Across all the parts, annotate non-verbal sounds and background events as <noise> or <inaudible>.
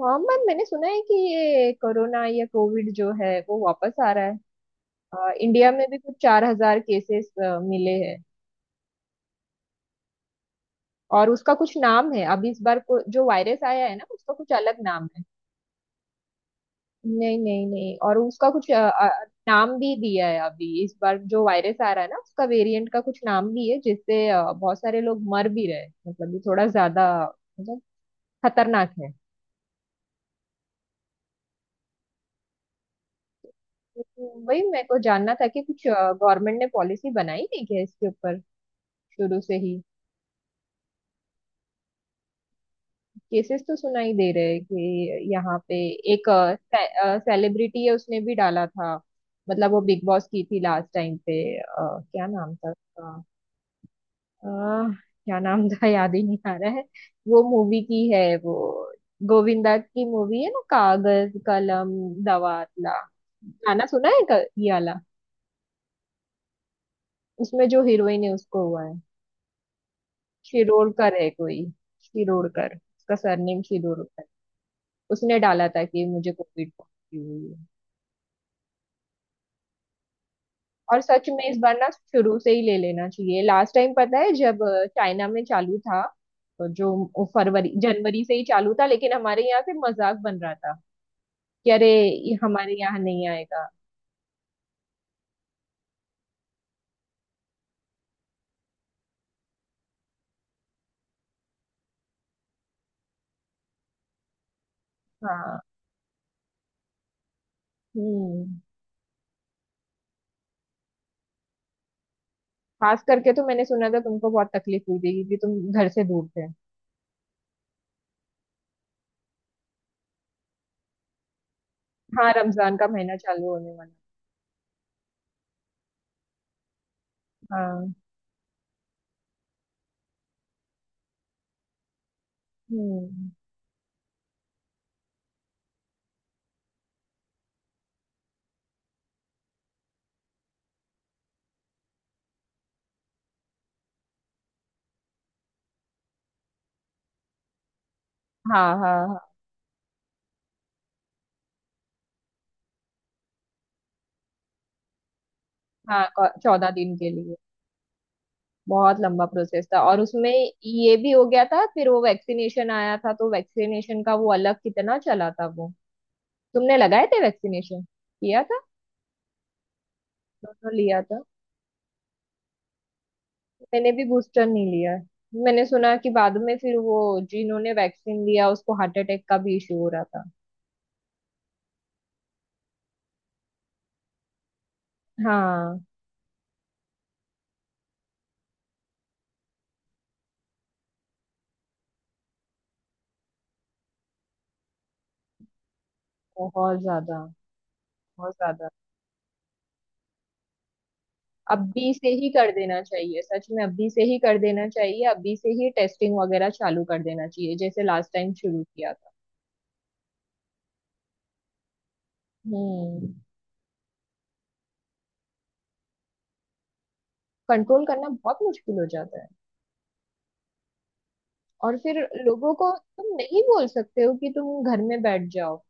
हाँ मैम, मैंने सुना है कि ये कोरोना या कोविड जो है वो वापस आ रहा है। इंडिया में भी कुछ 4000 केसेस मिले हैं। और उसका कुछ नाम है अब इस बार को, जो वायरस आया है ना उसका कुछ अलग नाम है। नहीं नहीं नहीं, और उसका कुछ नाम भी दिया है। अभी इस बार जो वायरस आ रहा है ना उसका वेरिएंट का कुछ नाम भी है, जिससे बहुत सारे लोग मर भी रहे हैं। मतलब ये थोड़ा ज्यादा मतलब खतरनाक है। तो वही मेरे को जानना था कि कुछ गवर्नमेंट ने पॉलिसी बनाई है क्या इसके ऊपर, शुरू से ही। केसेस तो सुनाई दे रहे हैं कि यहाँ पे एक सेलिब्रिटी है, उसने भी डाला था। मतलब वो बिग बॉस की थी लास्ट टाइम पे। क्या नाम था उसका? अ, क्या नाम था <laughs> याद ही नहीं आ रहा है। वो मूवी की है वो, गोविंदा की मूवी है ना, कागज कलम दवातला गाना सुना है, ये वाला। उसमें जो हीरोइन है उसको हुआ है। शिरोडकर है कोई, शिरोडकर, उसका सरनेम शिरोडकर। उसने डाला था कि मुझे कोविड पॉजिटिव हुई है। और सच में इस बार ना शुरू से ही ले लेना चाहिए। लास्ट टाइम पता है, जब चाइना में चालू था, तो जो फरवरी जनवरी से ही चालू था, लेकिन हमारे यहाँ से मजाक बन रहा था कि अरे ये हमारे यहाँ नहीं आएगा। हाँ। हम्म। खास करके तो मैंने सुना था, तुमको बहुत तकलीफ हुई थी, क्योंकि तुम घर से दूर थे। हाँ, रमजान का महीना चालू होने वाला है। हाँ। हम्म। हाँ हाँ हाँ, हाँ, 14 दिन के लिए। बहुत लंबा प्रोसेस था, और उसमें ये भी हो गया था। फिर वो वैक्सीनेशन आया था, तो वैक्सीनेशन का वो अलग कितना चला था वो। तुमने लगाए थे वैक्सीनेशन, किया था? दोनों लिया था। मैंने भी बूस्टर नहीं लिया है। मैंने सुना कि बाद में फिर वो, जिन्होंने वैक्सीन लिया उसको हार्ट अटैक का भी इशू हो रहा था। हाँ। बहुत ज्यादा। बहुत ज्यादा, अभी से ही कर देना चाहिए, सच में अभी से ही कर देना चाहिए, अभी से ही टेस्टिंग वगैरह चालू कर देना चाहिए, जैसे लास्ट टाइम शुरू किया था। हम्म। कंट्रोल करना बहुत मुश्किल हो जाता है, और फिर लोगों को तुम नहीं बोल सकते हो कि तुम घर में बैठ जाओ।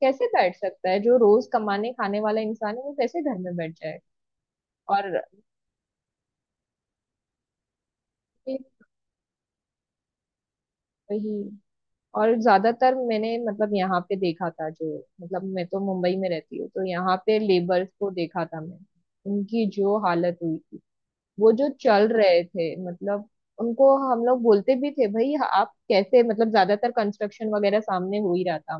कैसे बैठ सकता है जो रोज कमाने खाने वाला इंसान है, वो कैसे घर में बैठ जाए। और फिर वही, और ज्यादातर मैंने मतलब यहाँ पे देखा था जो, मतलब मैं तो मुंबई में रहती हूँ, तो यहाँ पे लेबर्स को देखा था मैं। उनकी जो हालत हुई थी वो, जो चल रहे थे मतलब, उनको हम लोग बोलते भी थे भाई, आप कैसे? मतलब ज्यादातर कंस्ट्रक्शन वगैरह सामने हो ही रहा था,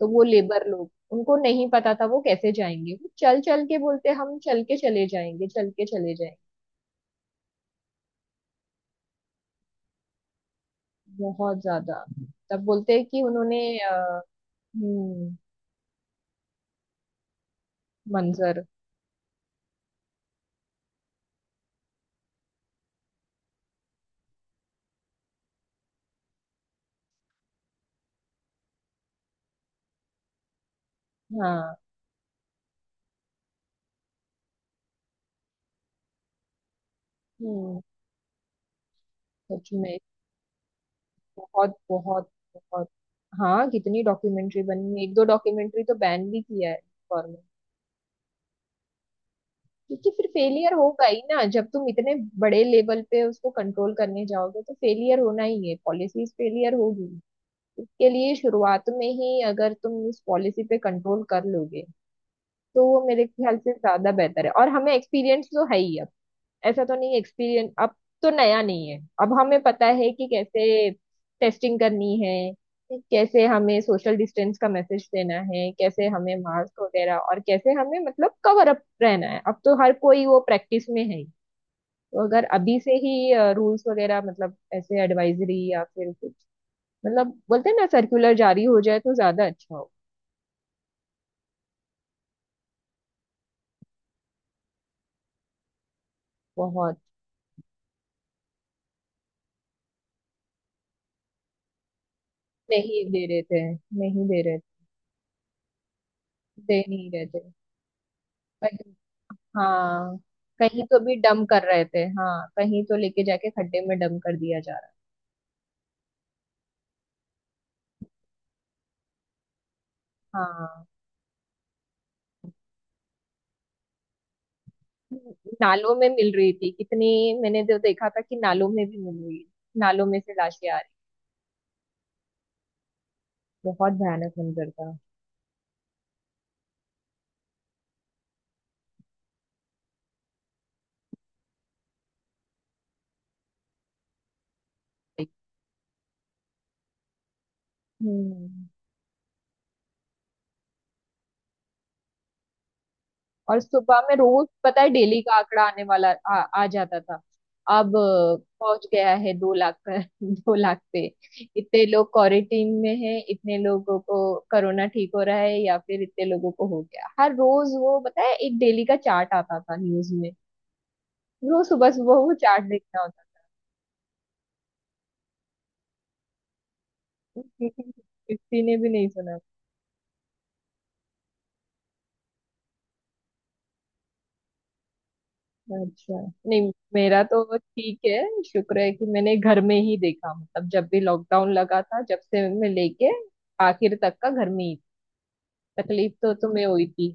तो वो लेबर लोग, उनको नहीं पता था वो कैसे जाएंगे। वो चल चल के बोलते, हम चल के चले जाएंगे, चल के चले जाएंगे। बहुत ज्यादा। तब बोलते हैं कि उन्होंने हम्म। मंजर। हाँ। हम्म। सच में। बहुत। बहुत। बहुत। हाँ, कितनी डॉक्यूमेंट्री बनी है, एक दो डॉक्यूमेंट्री तो बैन भी किया है गवर्नमेंट। क्योंकि फिर फेलियर होगा ही ना, जब तुम इतने बड़े लेवल पे उसको कंट्रोल करने जाओगे तो फेलियर होना ही है, पॉलिसीज फेलियर होगी। इसके लिए शुरुआत में ही अगर तुम इस पॉलिसी पे कंट्रोल कर लोगे, तो वो मेरे ख्याल से ज्यादा बेहतर है। और हमें एक्सपीरियंस तो है ही अब, ऐसा तो नहीं एक्सपीरियंस अब, तो नया नहीं है। अब हमें पता है कि कैसे टेस्टिंग करनी है, कैसे हमें सोशल डिस्टेंस का मैसेज देना है, कैसे हमें मास्क वगैरह, और कैसे हमें मतलब कवर अप रहना है। अब तो हर कोई वो प्रैक्टिस में है ही। तो अगर अभी से ही रूल्स वगैरह, मतलब ऐसे एडवाइजरी, या फिर मतलब बोलते हैं ना, सर्कुलर जारी हो जाए, तो ज्यादा अच्छा हो। बहुत। नहीं दे रहे थे, नहीं दे रहे थे। दे नहीं रहे थे। कहीं- हाँ, कहीं तो भी डम कर रहे थे। हाँ, कहीं तो लेके जाके खड्डे में डम कर दिया जा रहा है। हाँ। नालों में मिल रही थी कितनी। मैंने तो देखा था कि नालों में भी मिल रही है, नालों में से लाशें आ रही। बहुत भयानक मंजर था। हम्म। और सुबह में रोज पता है, डेली का आंकड़ा आने वाला आ जाता था। अब पहुंच गया है 2 लाख <laughs> पर, 2 लाख पे इतने लोग क्वारंटीन में हैं, इतने लोगों को कोरोना ठीक हो रहा है, या फिर इतने लोगों को हो गया। हर रोज वो पता है, एक डेली का चार्ट आता था न्यूज में, रोज सुबह सुबह वो चार्ट देखना होता था। <laughs> किसी ने भी नहीं सुना। अच्छा। नहीं, मेरा तो ठीक है। शुक्र है कि मैंने घर में ही देखा, मतलब जब भी लॉकडाउन लगा था, जब से मैं लेके आखिर तक का घर में ही। तकलीफ तो तुम्हें हुई थी,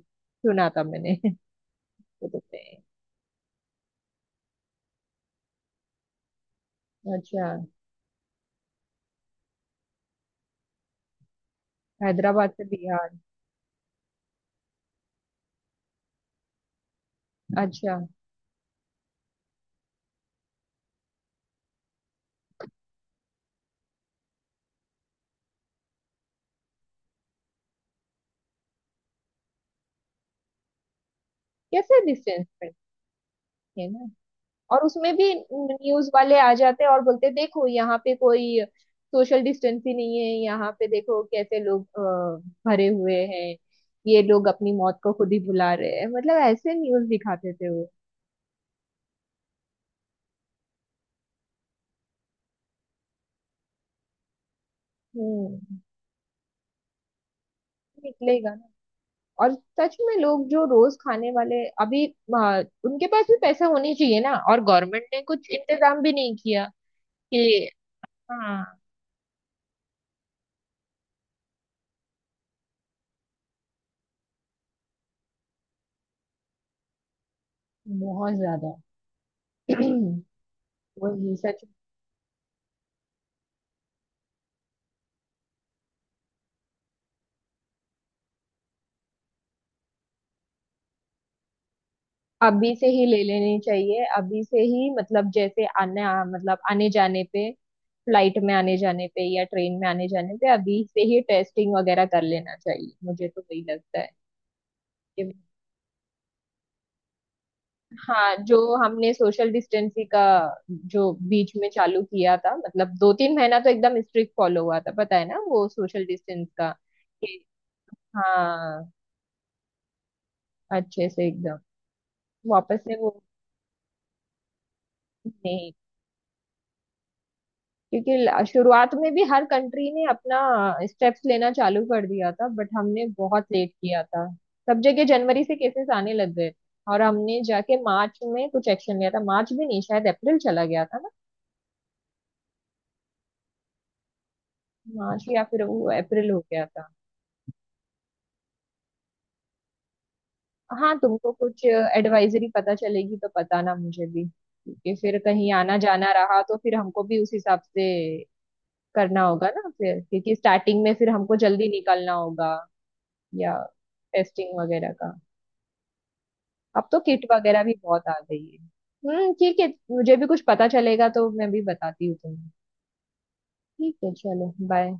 सुना था मैंने। <laughs> तो तुमने? अच्छा। हैदराबाद से बिहार। अच्छा। कैसे डिस्टेंस पे, है ना। और उसमें भी न्यूज वाले आ जाते हैं, और बोलते हैं, देखो यहाँ पे कोई सोशल डिस्टेंस ही नहीं है, यहाँ पे देखो कैसे लोग भरे हुए हैं। ये लोग अपनी मौत को खुद ही बुला रहे हैं, मतलब ऐसे न्यूज दिखाते थे वो। हम्म। निकलेगा ना। और सच में लोग जो रोज खाने वाले अभी, उनके पास भी पैसा होनी चाहिए ना, और गवर्नमेंट ने कुछ इंतजाम भी नहीं किया कि। हाँ। बहुत ज्यादा। <clears throat> वही सच। अभी से ही ले लेनी चाहिए, अभी से ही, मतलब जैसे आने मतलब आने जाने पे, फ्लाइट में आने जाने पे या ट्रेन में आने जाने पे अभी से ही टेस्टिंग वगैरह कर लेना चाहिए, मुझे तो वही लगता है। कि- हाँ, जो हमने सोशल डिस्टेंसिंग का, जो बीच में चालू किया था मतलब, 2-3 महीना तो एकदम स्ट्रिक्ट फॉलो हुआ था, पता है ना वो सोशल डिस्टेंस का। कि हाँ, अच्छे से एकदम, वापस से वो। नहीं, क्योंकि शुरुआत में भी हर कंट्री ने अपना स्टेप्स लेना चालू कर दिया था, बट हमने बहुत लेट किया था। सब जगह जनवरी से केसेस आने लग गए, और हमने जाके मार्च में कुछ एक्शन लिया था, मार्च भी नहीं शायद, अप्रैल चला गया था ना, मार्च या फिर वो अप्रैल हो गया था। हाँ, तुमको कुछ एडवाइजरी पता चलेगी तो बताना मुझे भी, क्योंकि फिर कहीं आना जाना रहा तो फिर हमको भी उस हिसाब से करना होगा ना। फिर क्योंकि स्टार्टिंग में फिर हमको जल्दी निकलना होगा, या टेस्टिंग वगैरह का। अब तो किट वगैरह भी बहुत आ गई है। हम्म, ठीक है, मुझे भी कुछ पता चलेगा तो मैं भी बताती हूँ तुम्हें। ठीक है, चलो बाय।